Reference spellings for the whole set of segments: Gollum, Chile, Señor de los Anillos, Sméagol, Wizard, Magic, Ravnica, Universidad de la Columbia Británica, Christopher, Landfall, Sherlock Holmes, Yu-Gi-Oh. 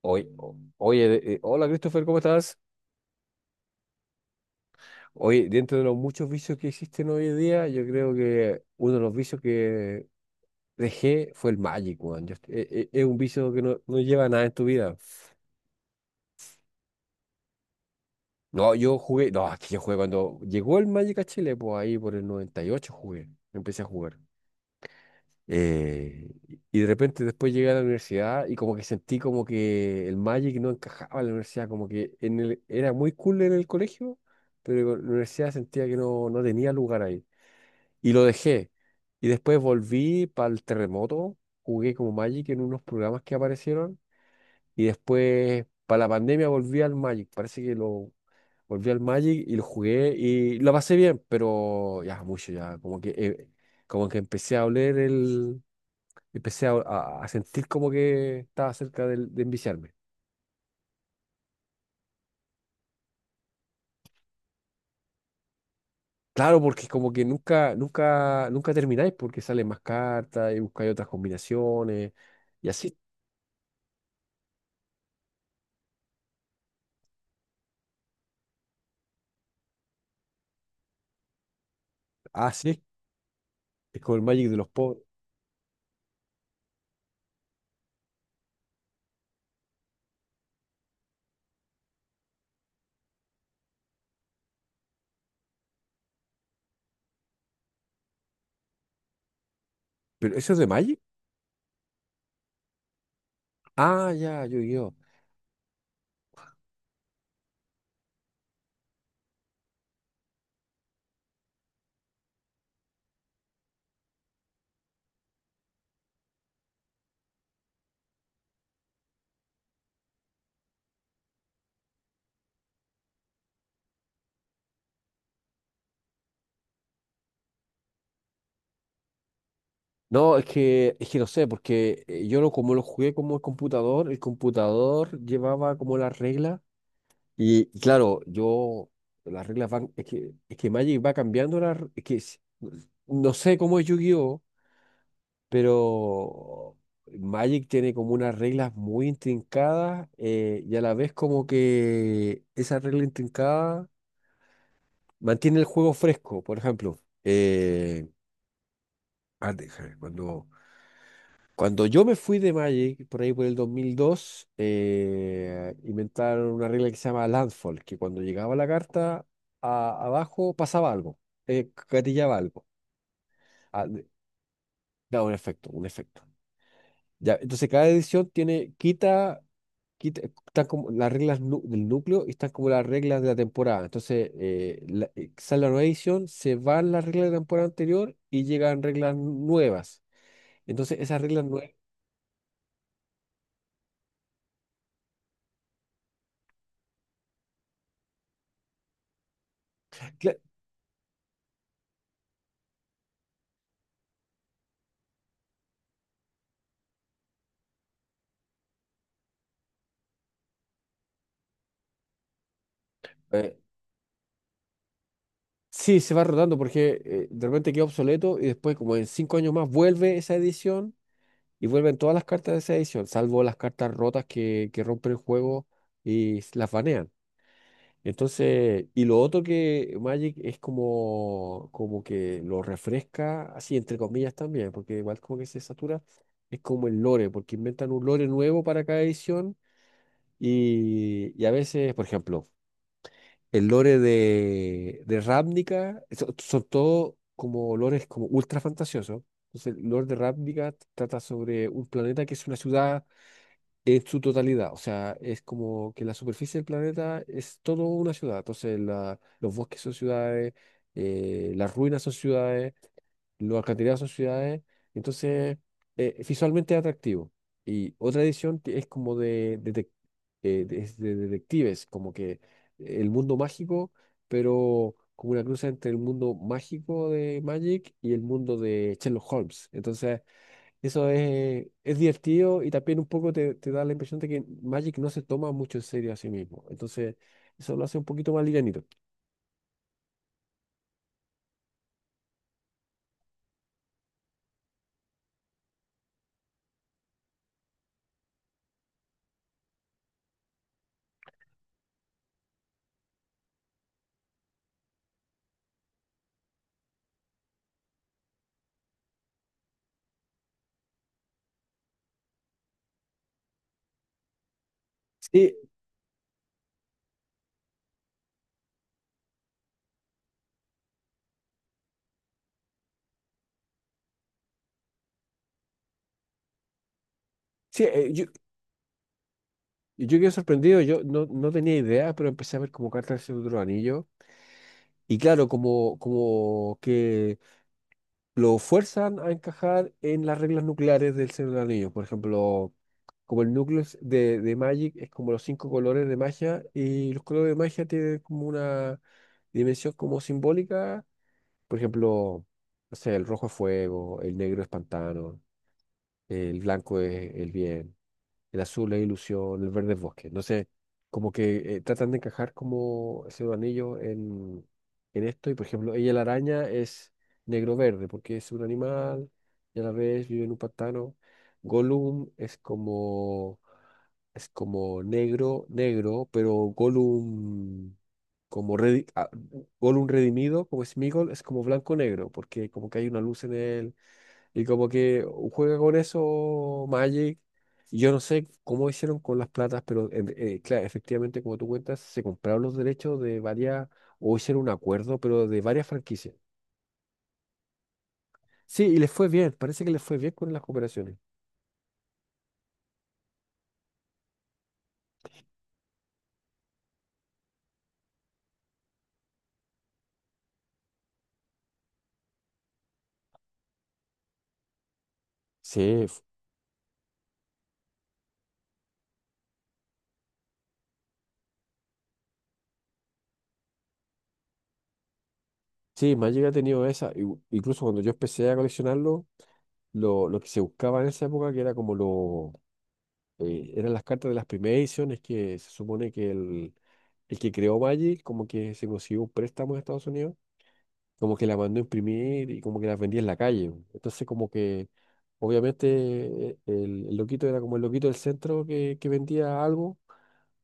Oye, hola Christopher, ¿cómo estás? Oye, dentro de los muchos vicios que existen hoy en día, yo creo que uno de los vicios que dejé fue el Magic, weón. Es un vicio que no lleva a nada en tu vida. No, yo jugué, no, es que yo jugué cuando llegó el Magic a Chile, pues ahí por el 98 jugué, empecé a jugar. Eh, y de repente después llegué a la universidad y como que sentí como que el Magic no encajaba en la universidad, como que en era muy cool en el colegio, pero en la universidad sentía que no tenía lugar ahí. Y lo dejé. Y después volví para el terremoto, jugué como Magic en unos programas que aparecieron y después para la pandemia volví al Magic. Parece que lo volví al Magic y lo jugué y lo pasé bien, pero ya mucho, ya como que, como que empecé a oler empecé a sentir como que estaba cerca de, enviciarme. Claro, porque como que nunca, nunca, nunca termináis porque salen más cartas y buscáis otras combinaciones y así. Ah, sí, es como el Magic de los pobres. ¿Pero eso es de Magic? Ah, ya, yo. No, es que no sé, porque yo lo, como lo jugué como el computador llevaba como las reglas y claro, yo, las reglas van, es que Magic va cambiando las, es que es- no sé cómo es yu, pero Magic tiene como unas reglas muy intrincadas y a la vez como que esa regla intrincada mantiene el juego fresco. Por ejemplo, eh, déjame, cuando yo me fui de Magic, por ahí por el 2002, inventaron una regla que se llama Landfall, que cuando llegaba la carta abajo pasaba algo, gatillaba algo. Ah, de- Daba un efecto, un efecto. Ya, entonces cada edición tiene, quita, quita, están como las reglas del núcleo y están como las reglas de la temporada. Entonces, sale la nueva edición, se van las reglas de la temporada anterior y llegan reglas nuevas. Entonces, esas reglas nuevas, cla- eh, sí, se va rotando porque de repente queda obsoleto y después, como en cinco años más, vuelve esa edición y vuelven todas las cartas de esa edición, salvo las cartas rotas que rompen el juego y las banean. Entonces, y lo otro que Magic es como que lo refresca, así entre comillas también, porque igual como que se satura, es como el lore, porque inventan un lore nuevo para cada edición y a veces, por ejemplo, el lore de Ravnica, son todos como lores como ultra fantasiosos. Entonces, el lore de Ravnica trata sobre un planeta que es una ciudad en su totalidad, o sea, es como que la superficie del planeta es todo una ciudad, entonces los bosques son ciudades, las ruinas son ciudades, los alcantarillados son ciudades, entonces visualmente es atractivo. Y otra edición que es como de, es de detectives, como que el mundo mágico, pero como una cruz entre el mundo mágico de Magic y el mundo de Sherlock Holmes. Entonces eso es divertido y también un poco te, te da la impresión de que Magic no se toma mucho en serio a sí mismo. Entonces, eso lo hace un poquito más livianito. Sí, sí, yo quedé sorprendido, yo no, no tenía idea, pero empecé a ver como cartas del otro anillo. Y claro, como que lo fuerzan a encajar en las reglas nucleares del Señor de los Anillos. Por ejemplo, como el núcleo es de Magic es como los cinco colores de magia y los colores de magia tienen como una dimensión como simbólica. Por ejemplo, no sé, el rojo es fuego, el negro es pantano, el blanco es el bien, el azul es ilusión, el verde es bosque. No sé, como que tratan de encajar como ese anillo en esto. Y por ejemplo, ella la araña es negro-verde porque es un animal y a la vez vive en un pantano. Gollum es como negro, negro, pero Gollum como redi- ah, Gollum redimido, como Sméagol, es como blanco-negro porque como que hay una luz en él y como que juega con eso Magic. Yo no sé cómo hicieron con las platas, pero claro, efectivamente, como tú cuentas, se compraron los derechos de varias, o hicieron un acuerdo, pero de varias franquicias. Sí, y les fue bien, parece que les fue bien con las cooperaciones. Sí, sí, Magic ha tenido esa. Incluso cuando yo empecé a coleccionarlo, lo que se buscaba en esa época, que era como eran las cartas de las primeras ediciones que se supone que el que creó Magic como que se consiguió un préstamo en Estados Unidos, como que la mandó a imprimir y como que las vendía en la calle. Entonces como que obviamente el loquito era como el loquito del centro que vendía algo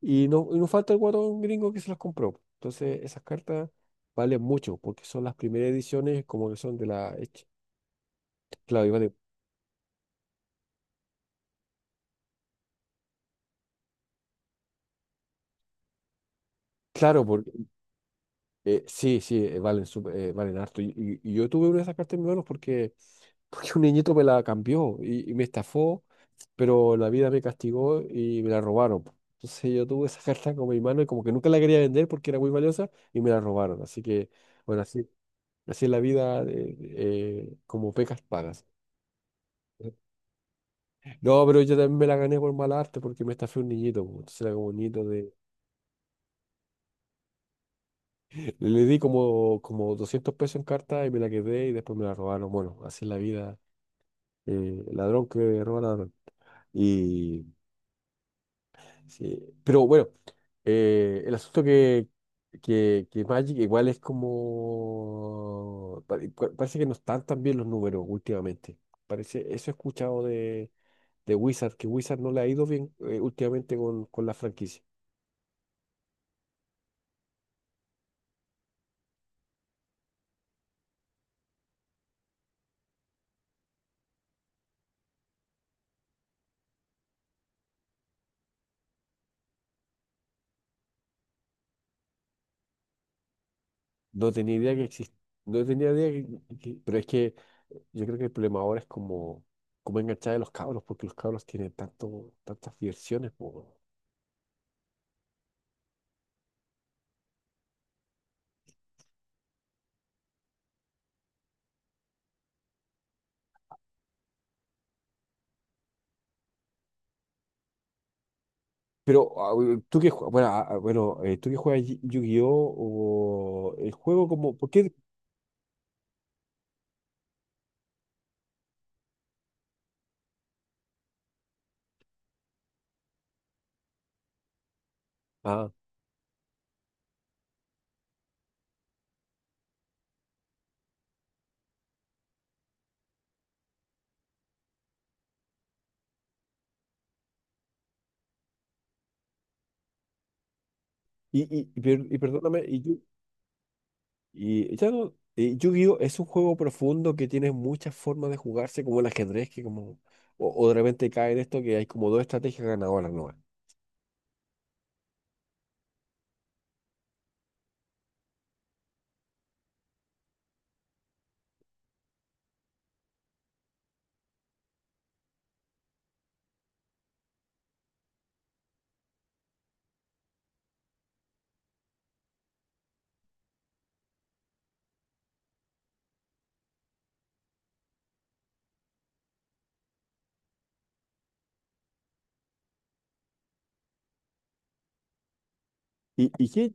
y no falta el guatón gringo que se las compró. Entonces esas cartas valen mucho porque son las primeras ediciones como que son de la... Claro, y vale- claro, valen harto. Y yo tuve una de esas cartas en mis manos porque, porque un niñito me la cambió y me estafó, pero la vida me castigó y me la robaron. Entonces yo tuve esa carta como mi mano y como que nunca la quería vender porque era muy valiosa y me la robaron. Así que, bueno, así es la vida, como pecas pagas. No, pero yo también me la gané por mal arte porque me estafé un niñito, po. Entonces era como un niñito de... Le di como $200 en carta y me la quedé y después me la robaron. Bueno, así es la vida. Eh, ladrón que roba ladrón. Y, sí, pero bueno, el asunto que Magic igual es como... Parece que no están tan bien los números últimamente. Parece, eso he escuchado de Wizard, que Wizard no le ha ido bien últimamente con la franquicia. No tenía idea que existía. No tenía idea pero es que yo creo que el problema ahora es como, como enganchar a los cabros, porque los cabros tienen tantas diversiones. Pero tú que bueno, tú que juegas Yu-Gi-Oh o el juego como ¿por qué? Ah, perdóname, y ya no, Yu-Gi-Oh es un juego profundo que tiene muchas formas de jugarse como el ajedrez que como, o de repente cae en esto que hay como dos estrategias ganadoras nuevas. Y qué,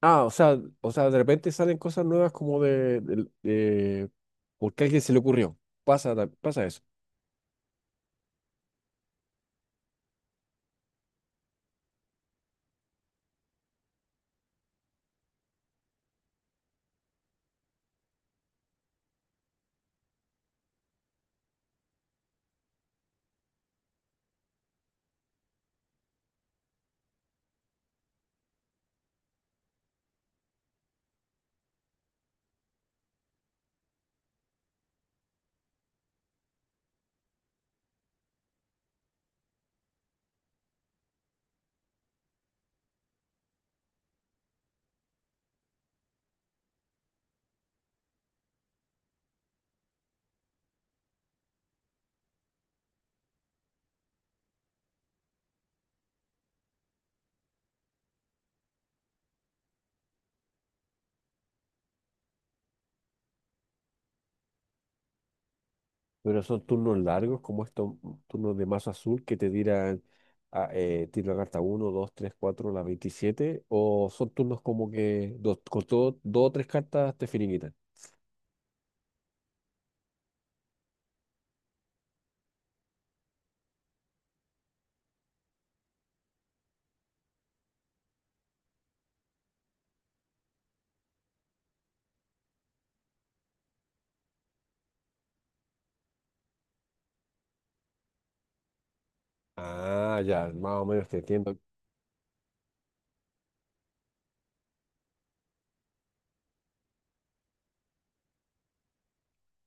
ah, o sea, de repente salen cosas nuevas como porque a alguien se le ocurrió. Pasa, pasa eso. Pero son turnos largos, como estos turnos de más azul que te tiran a, tiro la carta uno 2 3 4 la 27 o son turnos como que dos, con todo, dos o tres cartas te finiquitan. Ah, ya, más o menos te entiendo.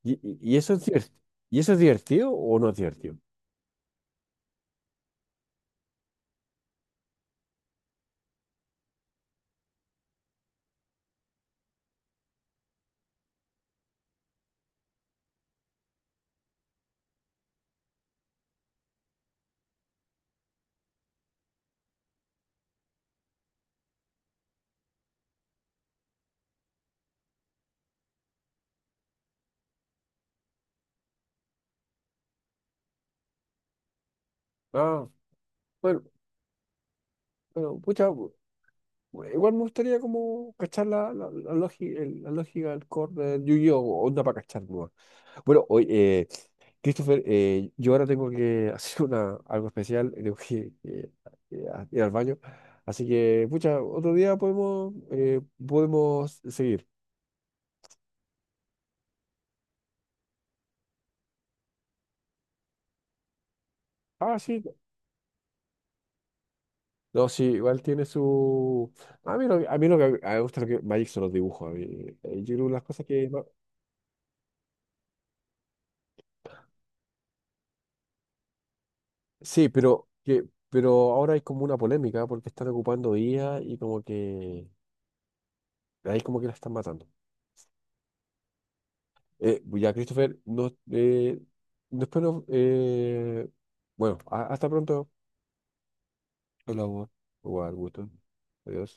Y eso es divertido? ¿Y eso es divertido o no es divertido? Ah, bueno, bueno, pucha, igual me gustaría como cachar lógica, la lógica del core de Yu-Gi-Oh! Onda para cachar, ¿no? Bueno, hoy Christopher, yo ahora tengo que hacer algo especial, tengo que ir al baño. Así que, pucha, otro día podemos, podemos seguir. Ah, sí. No, sí, igual tiene su... A mí, lo que a mí me gusta lo que Magic son los dibujos. A mí, yo creo que las cosas que... Sí, pero ahora hay como una polémica porque están ocupando IA y como que... Ahí como que la están matando. Pues ya, Christopher, después no bueno, hasta pronto. Hablamos. Igual, gusto. Adiós.